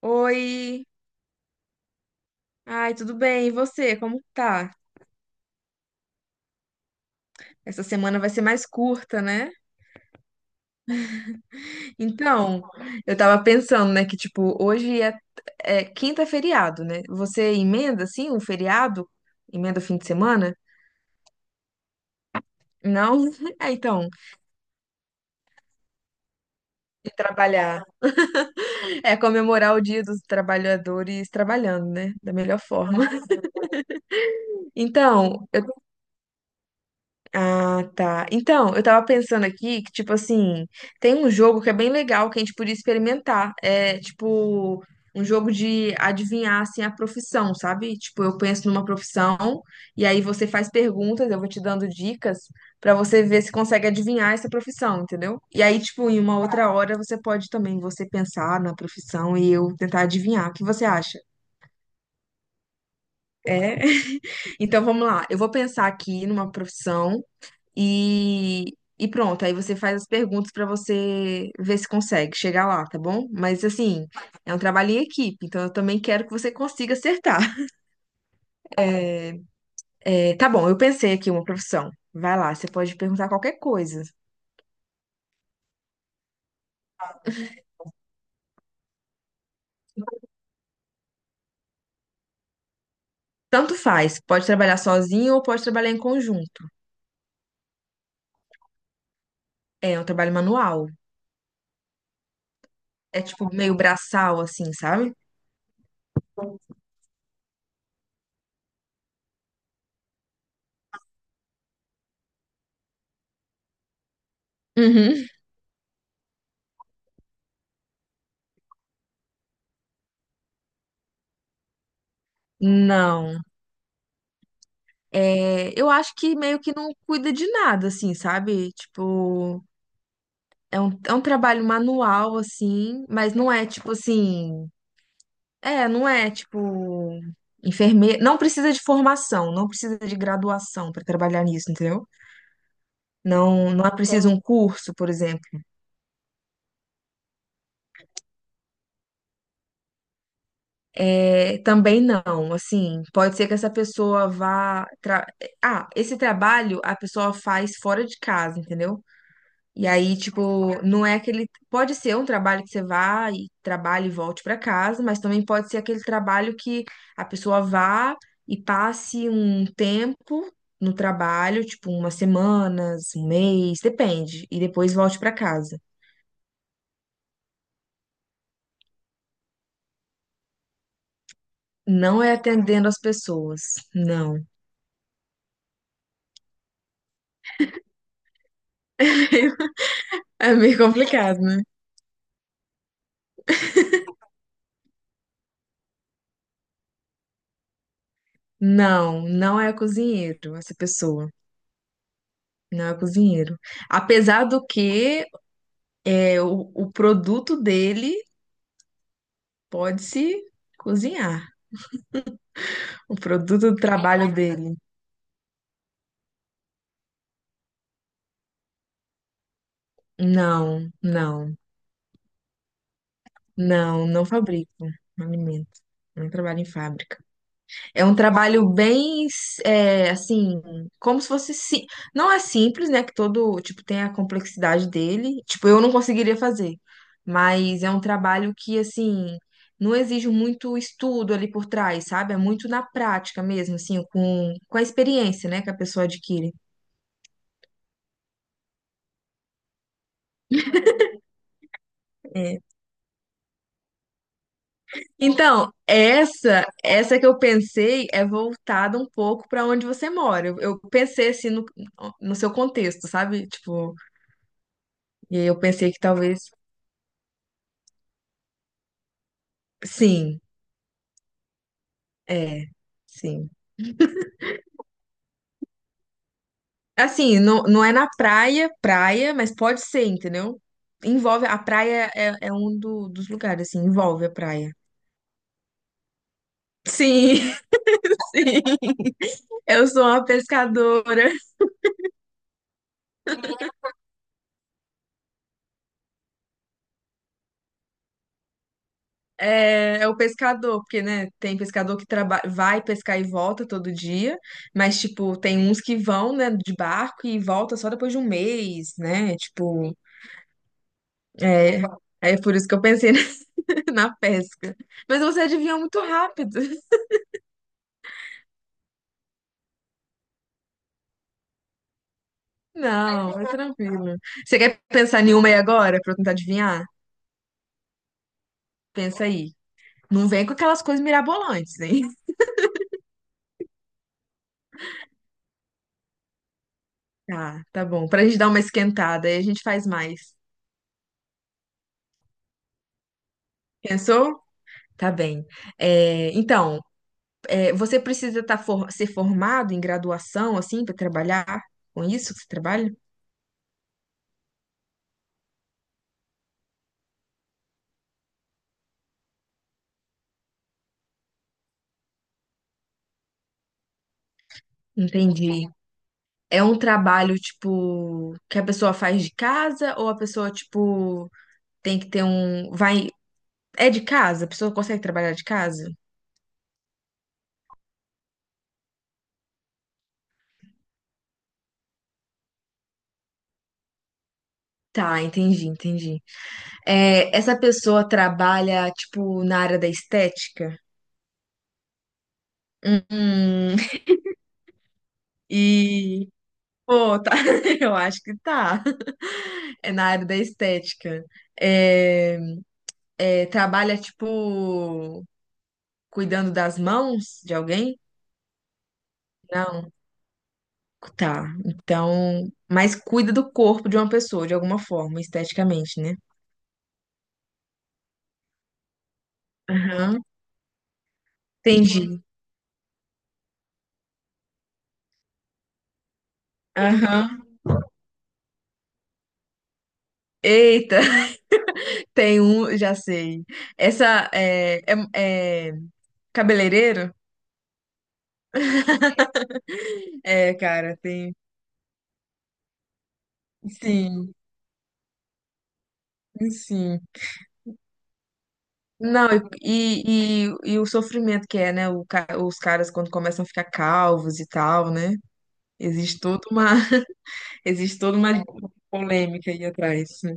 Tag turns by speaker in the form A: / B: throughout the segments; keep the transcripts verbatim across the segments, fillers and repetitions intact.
A: Oi, ai, tudo bem? E você, como tá? Essa semana vai ser mais curta, né? Então, eu tava pensando, né, que tipo, hoje é, é quinta é feriado, né? Você emenda assim um feriado? Emenda o fim de semana? Não? É, então, de trabalhar. É comemorar o Dia dos Trabalhadores trabalhando, né? Da melhor forma. Então, ah, tá. Então, eu tava pensando aqui que, tipo assim, tem um jogo que é bem legal que a gente podia experimentar. É, tipo, um jogo de adivinhar, assim, a profissão, sabe? Tipo, eu penso numa profissão e aí você faz perguntas, eu vou te dando dicas pra você ver se consegue adivinhar essa profissão, entendeu? E aí, tipo, em uma outra hora você pode também você pensar na profissão e eu tentar adivinhar. O que você acha? É. Então vamos lá. Eu vou pensar aqui numa profissão. E, e pronto, aí você faz as perguntas pra você ver se consegue chegar lá, tá bom? Mas assim, é um trabalho em equipe, então eu também quero que você consiga acertar. É, tá bom, eu pensei aqui uma profissão. Vai lá, você pode perguntar qualquer coisa. Tanto faz, pode trabalhar sozinho ou pode trabalhar em conjunto. É é um trabalho manual. É tipo meio braçal, assim, sabe? Uhum. Não. É, eu acho que meio que não cuida de nada, assim, sabe? Tipo. É um, é um trabalho manual, assim, mas não é tipo assim. É, não é tipo. Enfermeiro. Não precisa de formação, não precisa de graduação para trabalhar nisso, entendeu? Não, não é preciso um curso, por exemplo. É, também não, assim, pode ser que essa pessoa vá. tra- Ah, esse trabalho a pessoa faz fora de casa, entendeu? E aí, tipo, não é aquele. Pode ser um trabalho que você vá e trabalhe e volte para casa, mas também pode ser aquele trabalho que a pessoa vá e passe um tempo no trabalho, tipo, umas semanas, um mês, depende, e depois volte para casa. Não é atendendo as pessoas, não. É meio complicado, né? Não, não é cozinheiro essa pessoa. Não é cozinheiro. Apesar do que é, o, o produto dele pode-se cozinhar. O produto do Aí trabalho fábrica. Dele. Não, não, não, não fabrico alimento. Não trabalho em fábrica. É um trabalho bem, é, assim, como se fosse, sim, não é simples, né? Que todo, tipo, tem a complexidade dele. Tipo, eu não conseguiria fazer. Mas é um trabalho que, assim, não exige muito estudo ali por trás, sabe? É muito na prática mesmo, assim, com, com a experiência, né? Que a pessoa adquire. É. Então, essa, essa que eu pensei é voltada um pouco para onde você mora. Eu, eu pensei assim no, no seu contexto, sabe? Tipo, e aí eu pensei que talvez. Sim, é, sim. Assim, não, não é na praia, praia, mas pode ser, entendeu? Envolve, a praia é, é um do- dos lugares, assim, envolve a praia. Sim, sim, eu sou uma pescadora. É, é o pescador, porque, né, tem pescador que traba- vai pescar e volta todo dia, mas, tipo, tem uns que vão, né, de barco e volta só depois de um mês, né? Tipo, é, é por isso que eu pensei na pesca. Mas você adivinhou muito rápido. Não, é tranquilo. Você quer pensar em uma aí agora pra eu tentar adivinhar? Pensa aí. Não vem com aquelas coisas mirabolantes, hein? Tá, tá bom. Pra gente dar uma esquentada, aí a gente faz mais. Pensou? Tá bem. É, então. É, você precisa tá for- ser formado em graduação, assim, para trabalhar com isso que você trabalha? Entendi. É um trabalho, tipo, que a pessoa faz de casa ou a pessoa, tipo, tem que ter um. Vai. É de casa? A pessoa consegue trabalhar de casa? Tá, entendi, entendi. É, essa pessoa trabalha, tipo, na área da estética? Hum, e. Pô, tá. Eu acho que tá. É na área da estética. É. É, trabalha, tipo, cuidando das mãos de alguém? Não. Tá. Então. Mas cuida do corpo de uma pessoa, de alguma forma, esteticamente, né? Aham. Entendi. Aham. Eita, tem um, já sei. Essa é, é, é cabeleireiro? É, cara, tem. Sim, sim. Não, e, e, e o sofrimento que é, né? o ca- os caras quando começam a ficar calvos e tal, né? Existe toda uma. Existe toda uma. Polêmica aí atrás. Né?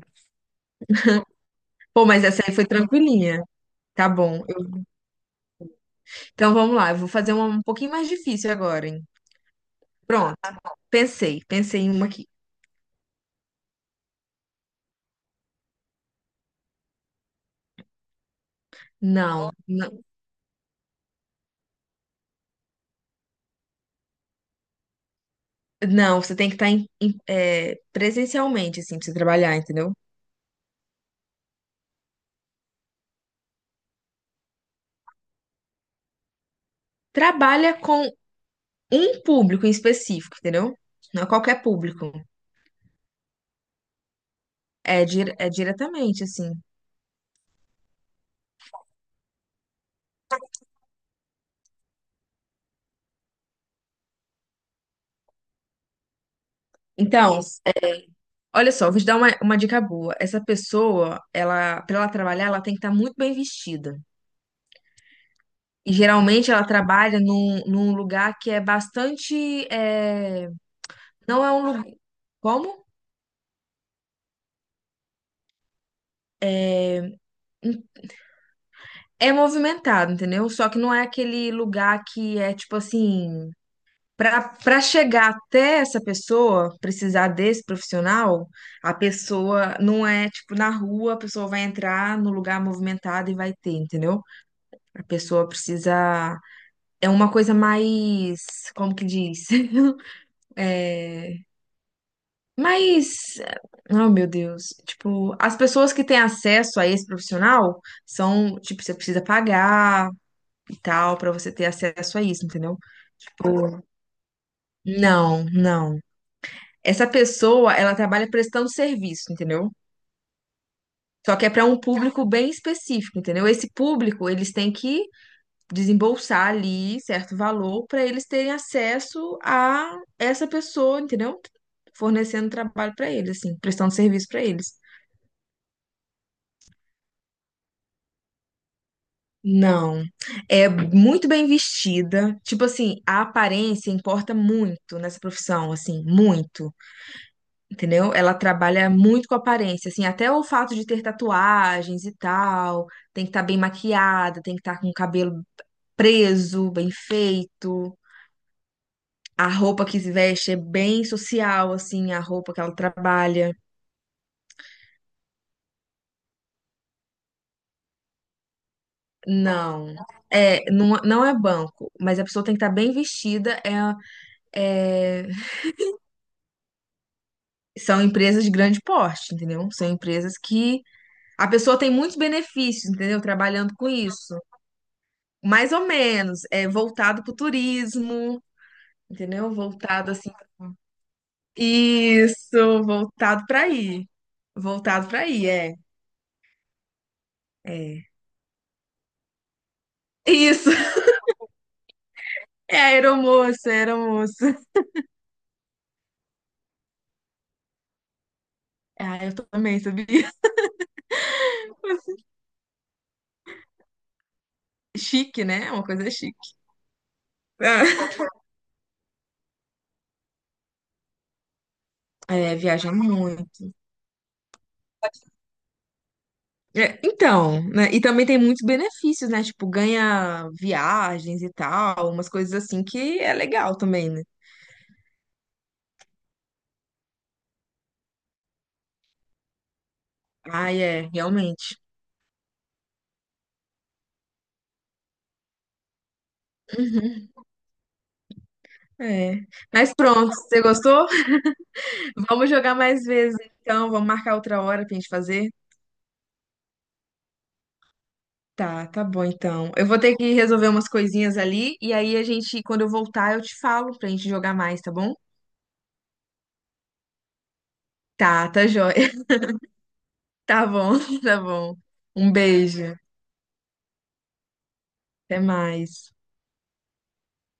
A: Pô, mas essa aí foi tranquilinha. Tá bom. Eu- Então vamos lá, eu vou fazer uma um pouquinho mais difícil agora, hein? Pronto, pensei, pensei em uma aqui. Não, não, não, você tem que estar em- em- é, presencialmente, assim, pra você trabalhar, entendeu? Trabalha com um público em específico, entendeu? Não é qualquer público. É, dire- é diretamente, assim. Então, é, olha só, vou te dar uma, uma dica boa. Essa pessoa, ela, para ela trabalhar, ela tem que estar muito bem vestida. E geralmente ela trabalha num, num lugar que é bastante. é, não é um lugar. Como? É movimentado, entendeu? Só que não é aquele lugar que é tipo assim. para para chegar até essa pessoa, precisar desse profissional, a pessoa não é tipo na rua, a pessoa vai entrar no lugar movimentado e vai ter, entendeu? A pessoa precisa. É uma coisa mais. Como que diz? É, Mas, oh meu Deus, tipo, as pessoas que têm acesso a esse profissional são, tipo, você precisa pagar e tal pra você ter acesso a isso, entendeu? Tipo, não, não. Essa pessoa, ela trabalha prestando serviço, entendeu? Só que é pra um público bem específico, entendeu? Esse público, eles têm que desembolsar ali certo valor pra eles terem acesso a essa pessoa, entendeu? Fornecendo trabalho pra eles, assim, prestando serviço pra eles. Não, é muito bem vestida. Tipo assim, a aparência importa muito nessa profissão, assim, muito, entendeu? Ela trabalha muito com aparência, assim, até o fato de ter tatuagens e tal, tem que estar bem maquiada, tem que estar com o cabelo preso, bem feito. A roupa que se veste é bem social, assim, a roupa que ela trabalha. Não, é, não, não é banco, mas a pessoa tem que estar bem vestida, é, é são empresas de grande porte, entendeu? São empresas que a pessoa tem muitos benefícios, entendeu? Trabalhando com isso. Mais ou menos, é voltado para o turismo, entendeu? Voltado assim. Isso, voltado para aí. Voltado para aí, é, é. Isso, é aeromoça, é aeromoça. Ah, eu também, sabia? Chique, né? Uma coisa chique. É, viaja muito. É, então, né? E também tem muitos benefícios, né? Tipo, ganha viagens e tal, umas coisas assim que é legal também, né? Ah, é, realmente. Uhum, é. Mas pronto, você gostou? Vamos jogar mais vezes, então. Vamos marcar outra hora pra gente fazer. Tá, tá bom, então. Eu vou ter que resolver umas coisinhas ali, e aí a gente, quando eu voltar, eu te falo pra gente jogar mais, tá bom? Tá, tá joia. Tá bom, tá bom. Um beijo. Até mais.